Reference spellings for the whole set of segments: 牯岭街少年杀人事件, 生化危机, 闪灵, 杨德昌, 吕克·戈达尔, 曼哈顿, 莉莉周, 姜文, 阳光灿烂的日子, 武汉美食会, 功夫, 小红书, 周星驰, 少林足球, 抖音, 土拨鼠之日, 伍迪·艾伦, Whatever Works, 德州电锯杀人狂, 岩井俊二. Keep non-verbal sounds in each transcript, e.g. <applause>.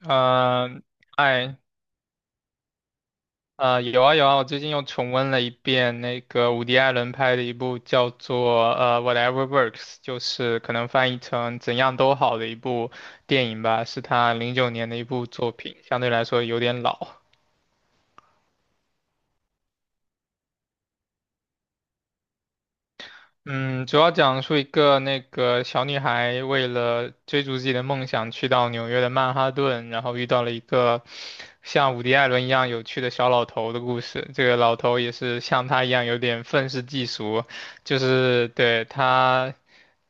呃，哎，有啊有啊，我最近又重温了一遍那个伍迪·艾伦拍的一部叫做《Whatever Works》，就是可能翻译成"怎样都好"的一部电影吧，是他09年的一部作品，相对来说有点老。嗯，主要讲述一个那个小女孩为了追逐自己的梦想，去到纽约的曼哈顿，然后遇到了一个像伍迪·艾伦一样有趣的小老头的故事。这个老头也是像他一样有点愤世嫉俗，就是对他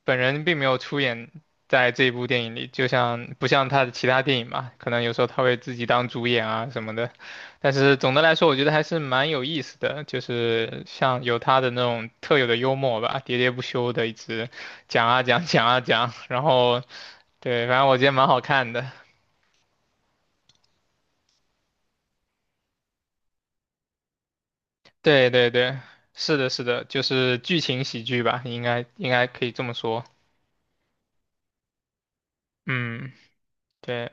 本人并没有出演在这一部电影里，就像不像他的其他电影嘛，可能有时候他会自己当主演啊什么的。但是总的来说，我觉得还是蛮有意思的，就是像有他的那种特有的幽默吧，喋喋不休的一直讲啊讲讲啊讲，然后对，反正我觉得蛮好看的。对对对，是的，是的，就是剧情喜剧吧，应该可以这么说。嗯，对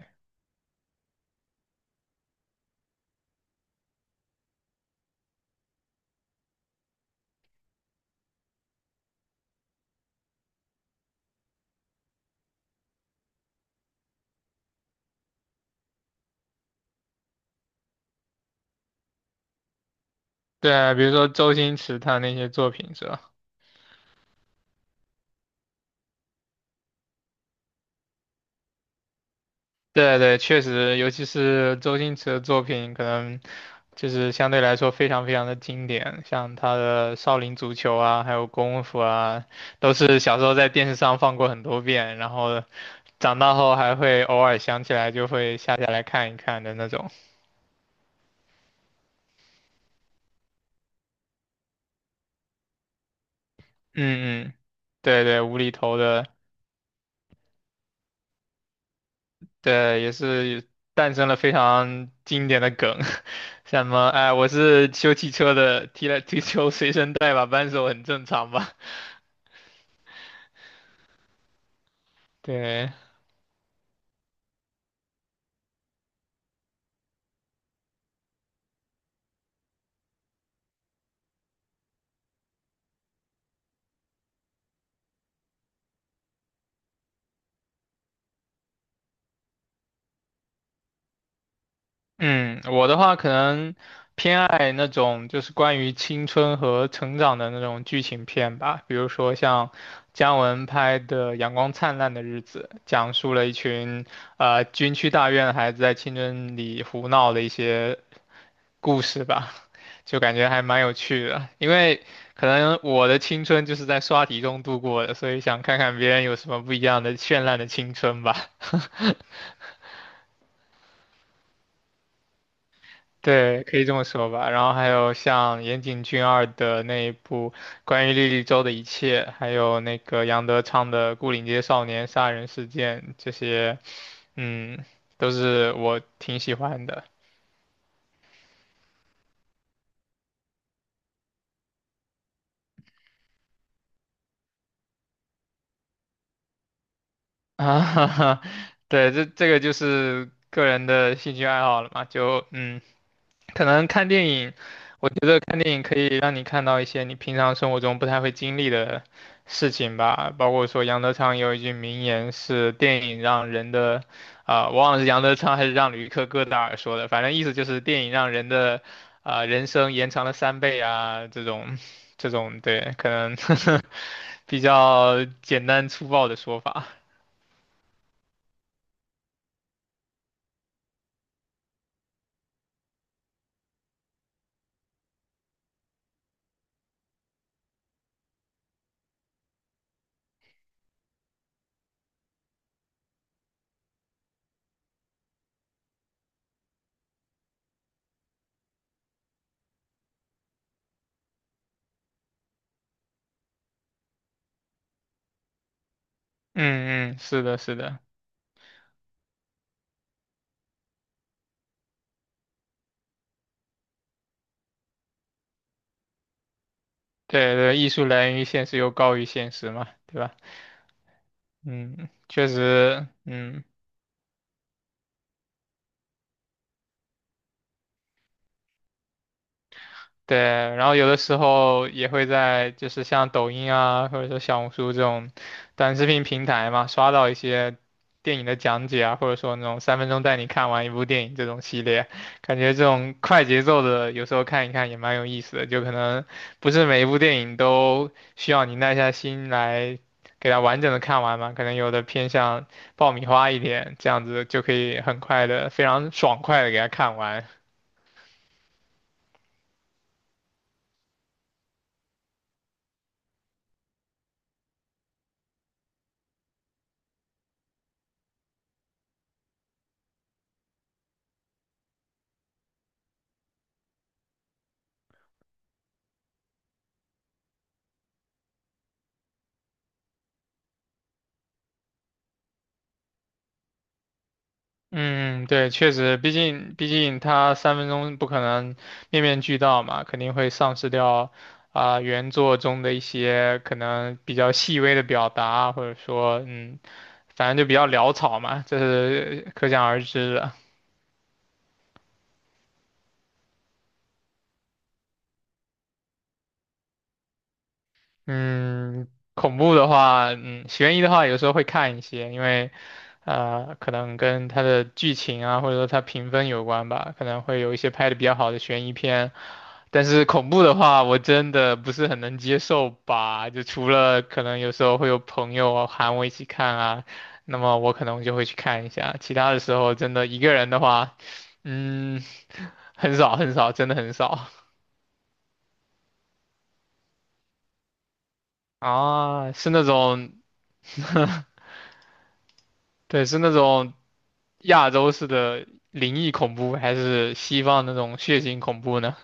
对啊，比如说周星驰他那些作品是吧？对对，确实，尤其是周星驰的作品，可能就是相对来说非常非常的经典，像他的《少林足球》啊，还有《功夫》啊，都是小时候在电视上放过很多遍，然后长大后还会偶尔想起来就会下下来看一看的那种。嗯嗯，对对，无厘头的，对，也是诞生了非常经典的梗，<laughs> 像什么哎，我是修汽车的，踢了踢球随身带把扳手很正常吧。对，嗯，我的话可能偏爱那种就是关于青春和成长的那种剧情片吧，比如说像姜文拍的《阳光灿烂的日子》，讲述了一群军区大院的孩子在青春里胡闹的一些故事吧，<laughs> 就感觉还蛮有趣的。因为可能我的青春就是在刷题中度过的，所以想看看别人有什么不一样的绚烂的青春吧。对，可以这么说吧。然后还有像岩井俊二的那一部关于莉莉周的一切，还有那个杨德昌的《牯岭街少年杀人事件》，这些，嗯，都是我挺喜欢的。<laughs> 啊，哈哈，对，这这个就是个人的兴趣爱好了嘛，就嗯，可能看电影，我觉得看电影可以让你看到一些你平常生活中不太会经历的事情吧，包括说杨德昌有一句名言是电影让人的，啊、我忘了是杨德昌还是让吕克·戈达尔说的，反正意思就是电影让人的，啊、人生延长了3倍啊，这种，这种，对，可能 <laughs> 比较简单粗暴的说法。嗯嗯，是的，是的，对对，艺术来源于现实又高于现实嘛，对吧？嗯，确实，嗯。对，然后有的时候也会在就是像抖音啊，或者说小红书这种短视频平台嘛，刷到一些电影的讲解啊，或者说那种三分钟带你看完一部电影这种系列，感觉这种快节奏的有时候看一看也蛮有意思的，就可能不是每一部电影都需要你耐下心来给它完整的看完嘛，可能有的偏向爆米花一点，这样子就可以很快的、非常爽快的给它看完。嗯，对，确实，毕竟他三分钟不可能面面俱到嘛，肯定会丧失掉啊、原作中的一些可能比较细微的表达，或者说嗯，反正就比较潦草嘛，这是可想而知的。嗯，恐怖的话，嗯，悬疑的话，有时候会看一些，因为，可能跟它的剧情啊，或者说它评分有关吧，可能会有一些拍的比较好的悬疑片。但是恐怖的话，我真的不是很能接受吧，就除了可能有时候会有朋友啊喊我一起看啊，那么我可能就会去看一下，其他的时候真的一个人的话，嗯，很少很少，真的很少 <laughs> 啊，是那种。<laughs> 对，是那种亚洲式的灵异恐怖，还是西方那种血腥恐怖呢？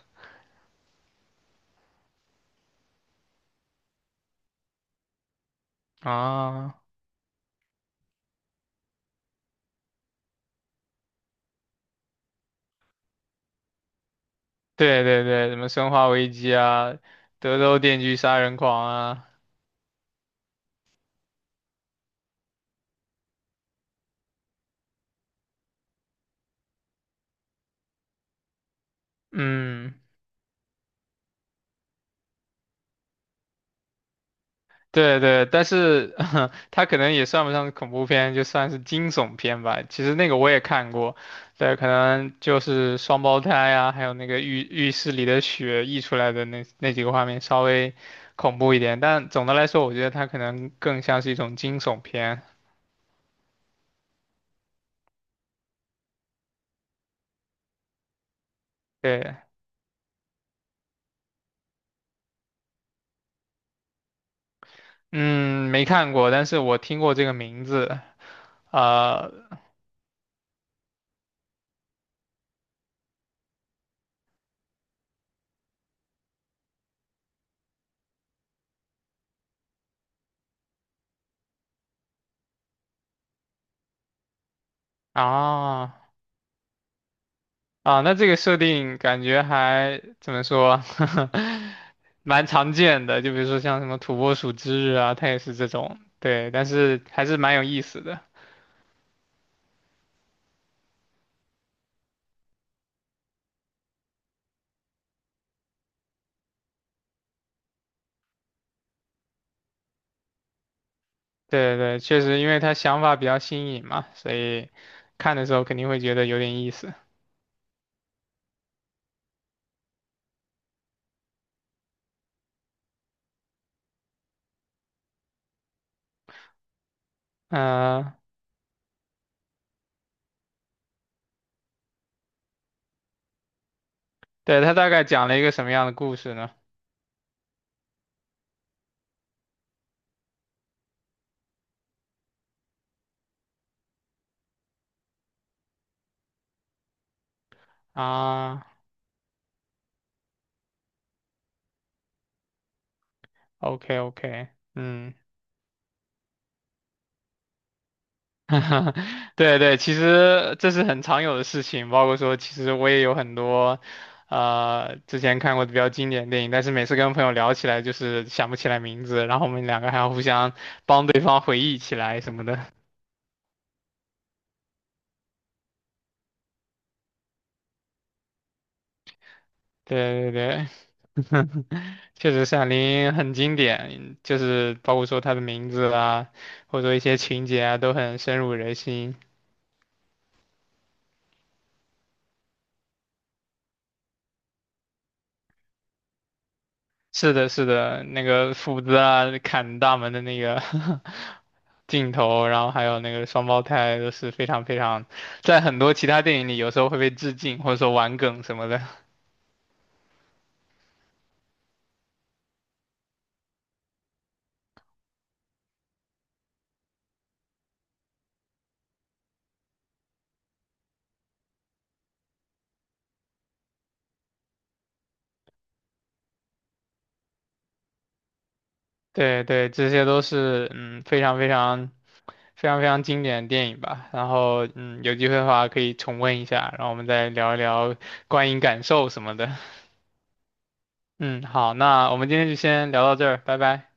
啊，对对对，什么《生化危机》啊，《德州电锯杀人狂》啊，嗯，对对，但是 <laughs> 它可能也算不上是恐怖片，就算是惊悚片吧。其实那个我也看过，对，可能就是双胞胎啊，还有那个浴室里的血溢出来的那几个画面稍微恐怖一点，但总的来说，我觉得它可能更像是一种惊悚片。对，嗯，没看过，但是我听过这个名字。呃，啊啊，那这个设定感觉还怎么说，<laughs> 蛮常见的。就比如说像什么土拨鼠之日啊，它也是这种。对，但是还是蛮有意思的。对对，确实，因为它想法比较新颖嘛，所以看的时候肯定会觉得有点意思。嗯、对，它大概讲了一个什么样的故事呢？啊，OK OK，嗯。<laughs> 对对，其实这是很常有的事情，包括说，其实我也有很多，之前看过的比较经典的电影，但是每次跟朋友聊起来，就是想不起来名字，然后我们两个还要互相帮对方回忆起来什么的。对对对，<laughs> 确实《闪灵》很经典，就是包括说它的名字啦，或者说一些情节啊，都很深入人心。是的，是的，那个斧子啊，砍大门的那个 <laughs> 镜头，然后还有那个双胞胎都是非常非常，在很多其他电影里有时候会被致敬或者说玩梗什么的。<laughs> 对对，这些都是嗯非常非常非常非常经典的电影吧。然后嗯有机会的话可以重温一下，然后我们再聊一聊观影感受什么的。<laughs> 嗯，好，那我们今天就先聊到这儿，拜拜。